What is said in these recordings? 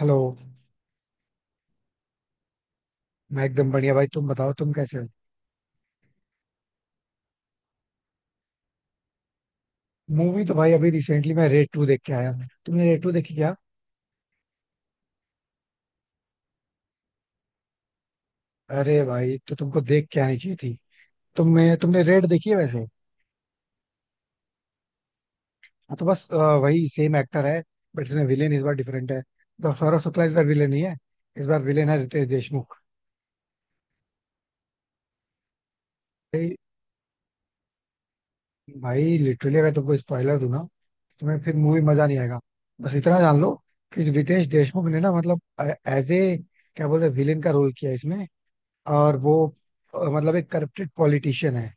Hello. मैं एकदम बढ़िया भाई, तुम बताओ तुम कैसे हो। मूवी तो भाई अभी रिसेंटली मैं रेड टू देख के आया। तुमने रेड टू देखी क्या? अरे भाई, तो तुमको देख के आनी चाहिए थी। तुमने तुमने रेड देखी है वैसे? हाँ, तो बस वही सेम एक्टर है। बट इसमें विलेन इस बार डिफरेंट है, तो सौरभ शुक्ला इस बार विलेन नहीं है। इस बार विलेन है रितेश देशमुख। भाई भाई लिटरली, अगर तुमको स्पॉइलर दूं ना, तुम्हें फिर मूवी मजा नहीं आएगा। बस इतना जान लो कि रितेश देशमुख ने ना, मतलब, एज ए, क्या बोलते हैं, विलेन का रोल किया है इसमें। और वो मतलब एक करप्टेड पॉलिटिशियन है।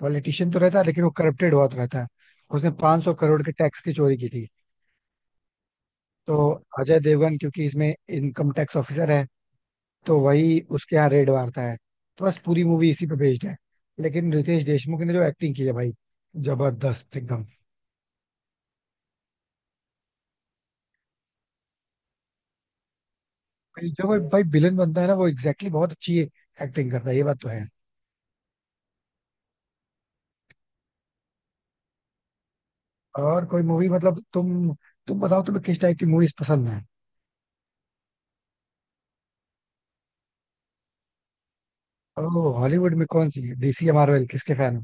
पॉलिटिशियन तो रहता है लेकिन वो करप्टेड बहुत रहता है। उसने 500 करोड़ के टैक्स की चोरी की थी। तो अजय देवगन क्योंकि इसमें इनकम टैक्स ऑफिसर है, तो वही उसके यहाँ रेड मारता है। तो बस पूरी मूवी इसी पे बेस्ड है। लेकिन रितेश देशमुख ने जो एक्टिंग की है भाई, जबरदस्त एकदम। भाई जो भाई भाई विलन बनता है ना, वो एग्जैक्टली बहुत अच्छी एक्टिंग करता है, ये बात तो है। और कोई मूवी मतलब तुम बताओ तुम्हें किस टाइप की मूवीज पसंद है? ओ, हॉलीवुड में कौन सी, डीसी या मार्वल, किसके फैन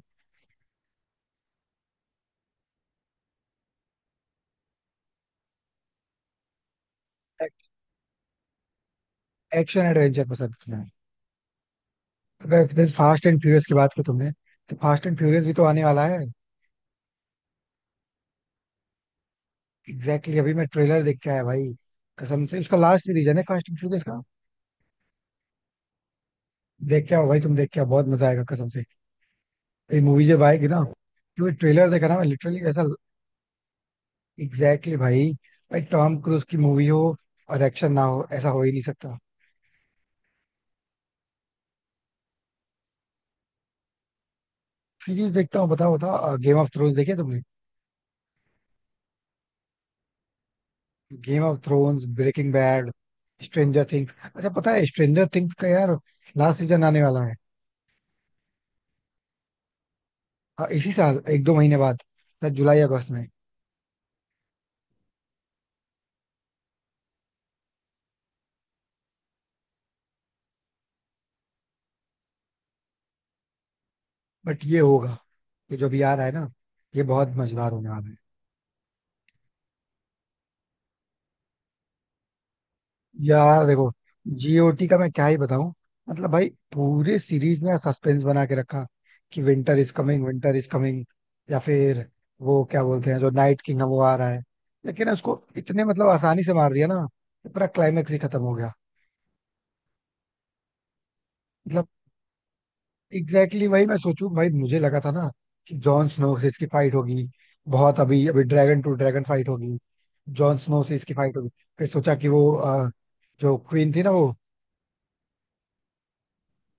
हो? एक्शन एडवेंचर पसंद करना है। अगर फास्ट एंड फ्यूरियस की बात की तुमने, तो फास्ट एंड फ्यूरियस भी तो आने वाला है। एग्जैक्टली, अभी मैं ट्रेलर देख के आया भाई। कसम से, उसका लास्ट सीरीज है ना फास्ट एंड फ्यूरियस का। देख के आओ भाई, तुम देख के आओ, बहुत मजा आएगा कसम से। तो ये मूवी जब आएगी ना, क्योंकि ट्रेलर देखा ना, मैं लिटरली ऐसा, एग्जैक्टली भाई। भाई टॉम क्रूज की मूवी हो और एक्शन ना हो, ऐसा हो ही नहीं सकता। सीरीज देखता हूँ। बताओ बताओ, गेम ऑफ थ्रोन्स देखे तुमने? Game of thrones, breaking bad, stranger things. अच्छा पता है, स्ट्रेंजर थिंग्स का यार लास्ट सीजन आने वाला है। हाँ इसी साल, एक दो महीने बाद, शायद जुलाई अगस्त में। बट ये होगा, ये जो भी आ रहा है ना, ये बहुत मजेदार होने वाला है। यार देखो, जीओटी का मैं क्या ही बताऊं। मतलब भाई, पूरे सीरीज में सस्पेंस बना के रखा कि winter is coming, winter is coming, या फिर वो क्या बोलते हैं, जो नाइट किंग है वो आ रहा है। लेकिन उसको इतने मतलब आसानी से मार दिया ना कि पूरा क्लाइमेक्स ही खत्म हो गया। मतलब एग्जैक्टली वही मैं सोचूं भाई, मुझे लगा था ना कि जॉन स्नो से इसकी फाइट होगी। बहुत अभी अभी ड्रैगन टू ड्रैगन फाइट होगी। जॉन स्नो से इसकी फाइट होगी। फिर सोचा कि वो जो क्वीन थी ना वो,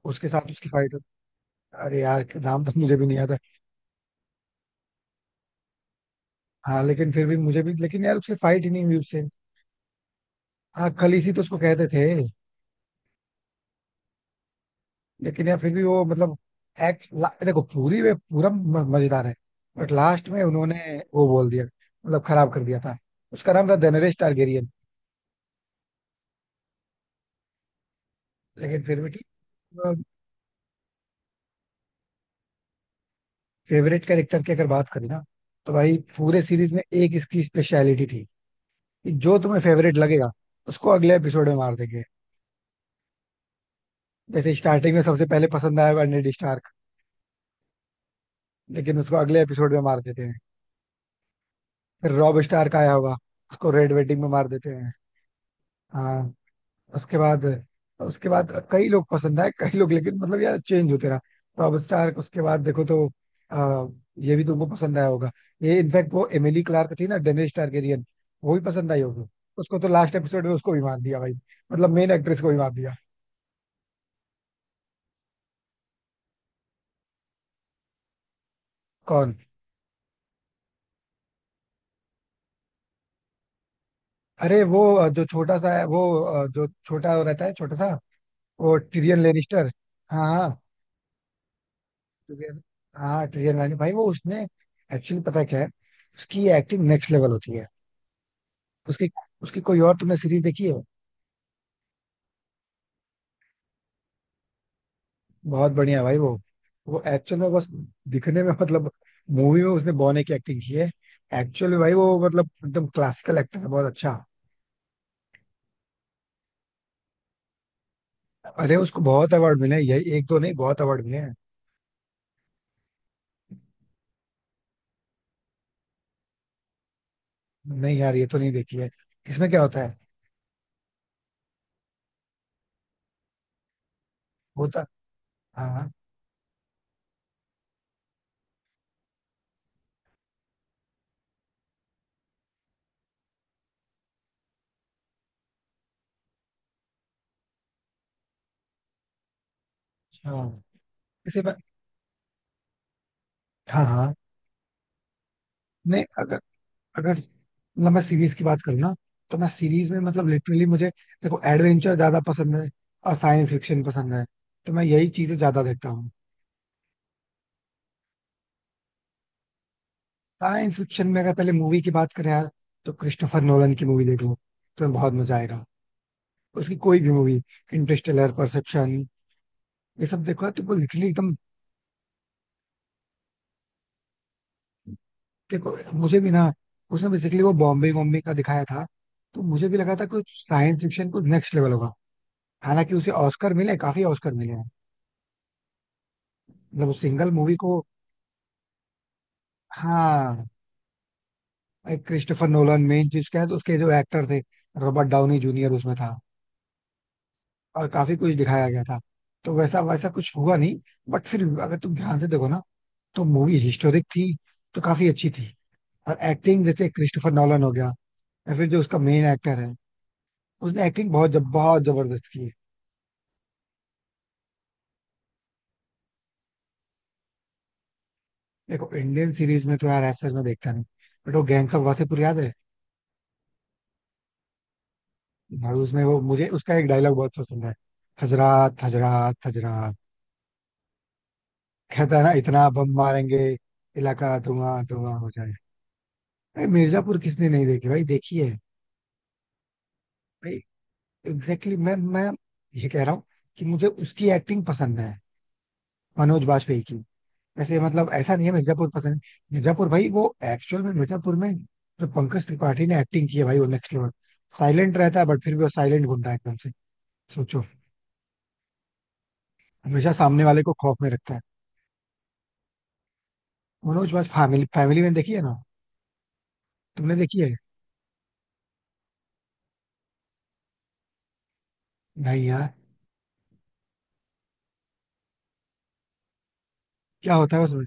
उसके साथ उसकी फाइट होगी। अरे यार नाम तो मुझे भी नहीं याद है। हाँ लेकिन फिर भी मुझे भी, लेकिन यार उसकी फाइट ही नहीं हुई उससे। हाँ, खलीसी तो उसको कहते थे। लेकिन यार फिर भी वो, मतलब, एक्ट, देखो पूरी वे पूरा मजेदार है। बट लास्ट में उन्होंने वो बोल दिया, मतलब खराब कर दिया था। उसका नाम था डेनरेस टारगेरियन। लेकिन फिर भी, फेवरेट कैरेक्टर की अगर बात करें ना, तो भाई पूरे सीरीज में एक इसकी स्पेशलिटी थी कि जो तुम्हें फेवरेट लगेगा उसको अगले एपिसोड में मार देंगे। जैसे स्टार्टिंग में सबसे पहले पसंद आया होगा नेड स्टार्क, लेकिन उसको अगले एपिसोड में मार देते हैं। फिर रॉब स्टार्क आया होगा, उसको रेड वेडिंग में मार देते हैं। हाँ। उसके बाद, उसके बाद कई लोग पसंद आए, कई लोग, लेकिन मतलब यार चेंज होते रहा। रॉब स्टार उसके बाद देखो तो आ, ये भी तुमको पसंद आया होगा। ये इनफैक्ट वो एमिली क्लार्क थी ना, डेनिस टारगेरियन। वो भी पसंद आई होगी। उसको तो लास्ट एपिसोड में उसको भी मार दिया भाई, मतलब मेन एक्ट्रेस को भी मार दिया। कौन? अरे वो जो छोटा सा है, वो जो छोटा रहता है, छोटा सा, वो टिरियन लेनिस्टर। हाँ हाँ। Tyrion- हाँ टिरियन लेनिस्टर भाई वो, उसने एक्चुअली, पता है क्या है, उसकी एक्टिंग नेक्स्ट लेवल होती है। उसकी उसकी कोई और तुमने सीरीज देखी है? बहुत बढ़िया है भाई वो। वो एक्चुअल में बस दिखने में मतलब, मूवी में उसने बॉने की एक्टिंग की है। एक्चुअल में भाई वो मतलब एकदम क्लासिकल एक्टर है, बहुत अच्छा। अरे उसको बहुत अवार्ड मिले हैं, यही एक दो नहीं, बहुत अवार्ड मिले हैं। नहीं यार, ये तो नहीं देखी है। इसमें क्या होता है? होता हाँ हाँ। अच्छा, इसे मैं, हाँ हाँ, नहीं, अगर, अगर, मतलब मैं सीरीज की बात करूँ ना, तो मैं सीरीज में मतलब लिटरली मुझे, देखो एडवेंचर ज्यादा पसंद है और साइंस फिक्शन पसंद है, तो मैं यही चीजें ज्यादा देखता हूँ। साइंस फिक्शन में अगर पहले मूवी की बात करें यार, तो क्रिस्टोफर नोलन की मूवी देख लो तो तुम्हें बहुत मजा आएगा। उसकी कोई भी मूवी, इंटरस्टेलर, परसेप्शन, ये सब देखो यार, तुमको लिटरली एकदम। देखो मुझे भी ना, उसने बेसिकली वो बॉम्बे बॉम्बे का दिखाया था, तो मुझे भी लगा था कि साइंस फिक्शन कुछ नेक्स्ट लेवल होगा। हालांकि उसे ऑस्कर मिले, काफी ऑस्कर मिले हैं, मतलब उस सिंगल मूवी को। हाँ, क्रिस्टोफर नोलन मेन चीज क्या है तो, उसके जो एक्टर थे, रॉबर्ट डाउनी जूनियर उसमें था, और काफी कुछ दिखाया गया था, तो वैसा वैसा कुछ हुआ नहीं। बट फिर भी अगर तुम ध्यान से देखो ना, तो मूवी हिस्टोरिक थी, तो काफी अच्छी थी। और एक्टिंग जैसे क्रिस्टोफर नॉलन हो गया, या फिर जो उसका मेन एक्टर है, उसने एक्टिंग बहुत जबरदस्त की है। देखो इंडियन सीरीज में तो यार ऐसा मैं देखता नहीं, बट वो गैंग्स ऑफ वासेपुर याद है? भाई उसमें वो, मुझे उसका एक डायलॉग बहुत पसंद है। हजरात हजरात हजरात, कहता है ना, इतना बम मारेंगे इलाका धुआं धुआं हो जाए। भाई मिर्जापुर किसने नहीं देखी, भाई देखी है। भाई एग्जैक्टली, मैं ये कह रहा हूँ कि मुझे उसकी एक्टिंग पसंद है, मनोज बाजपेयी की। वैसे मतलब ऐसा नहीं है मिर्जापुर पसंद है, मिर्जापुर भाई वो एक्चुअल में, मिर्जापुर में जो पंकज त्रिपाठी ने एक्टिंग की है भाई, वो नेक्स्ट लेवल। साइलेंट रहता है बट फिर भी वो साइलेंट गुंडा है एकदम से। सोचो, हमेशा सामने वाले को खौफ में रखता है। मनोज बाज, फैमिली फैमिली में देखी है ना तुमने, देखी है? नहीं यार। क्या होता है उसमें?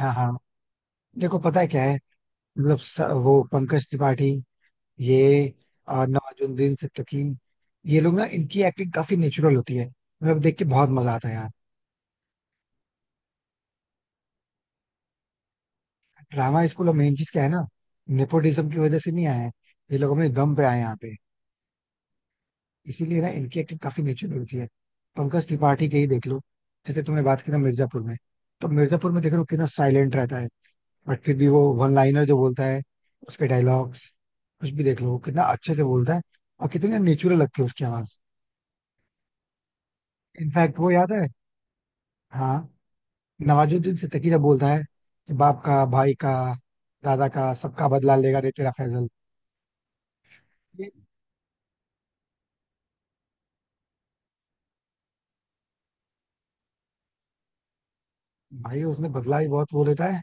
हाँ हाँ। देखो पता है क्या है, मतलब वो पंकज त्रिपाठी, ये नवाजुद्दीन सिद्दीकी, ये लोग ना, इनकी एक्टिंग काफी नेचुरल होती है, मतलब देख के बहुत मजा आता है यार। ड्रामा स्कूल, और मेन चीज क्या है ना, नेपोटिज्म की वजह से नहीं आए हैं, ये लोग अपने दम पे आए हैं यहाँ पे। इसीलिए ना इनकी एक्टिंग काफी नेचुरल होती है। पंकज त्रिपाठी के ही देख लो, जैसे तुमने बात की ना मिर्जापुर में, तो मिर्जापुर में देख लो कितना साइलेंट रहता है। बट फिर भी वो वन लाइनर जो बोलता है, उसके डायलॉग्स कुछ भी देख लो, वो कितना अच्छे से बोलता है, और कितनी नेचुरल लगती है उसकी आवाज। इनफैक्ट वो याद है। हाँ, नवाजुद्दीन सिद्दीकी जब बोलता है कि बाप का, भाई का, दादा का, सबका बदला लेगा रे तेरा फैजल, ये भाई, उसने बदला भी बहुत वो लेता है।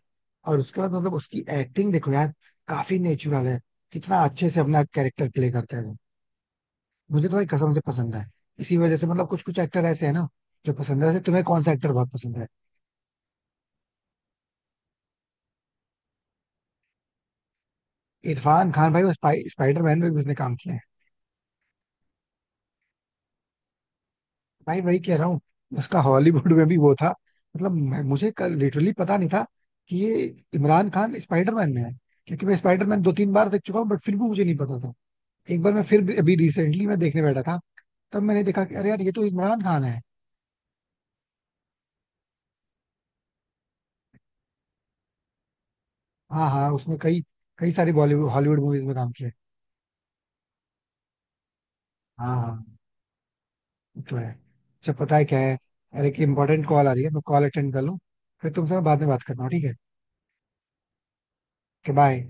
और उसके बाद मतलब उसकी एक्टिंग देखो यार, काफी नेचुरल है, कितना अच्छे से अपना कैरेक्टर प्ले करता है वो। मुझे तो भाई कसम से पसंद है। इसी वजह से मतलब कुछ कुछ एक्टर ऐसे है ना जो पसंद है। वैसे तुम्हें कौन सा एक्टर बहुत पसंद है? इरफान खान भाई, वो स्पाइडरमैन में भी उसने काम किया है। भाई वही कह रहा हूँ, उसका हॉलीवुड में भी वो था, मतलब मैं, मुझे लिटरली पता नहीं था कि ये इमरान खान स्पाइडरमैन में है, क्योंकि मैं स्पाइडरमैन दो तीन बार देख चुका हूँ, बट फिर भी मुझे नहीं पता था। एक बार मैं अभी रिसेंटली मैं देखने बैठा था, तब मैंने देखा कि अरे यार ये तो इमरान खान है। हाँ हाँ, उसने कई कई सारी बॉलीवुड हॉलीवुड मूवीज में काम किया है। हाँ हाँ, वो तो है, अच्छा पता है क्या है, अरे एक इम्पोर्टेंट कॉल आ रही है, मैं कॉल अटेंड कर लूँ, फिर तुमसे मैं बाद में बात करता हूँ ठीक है। बाय।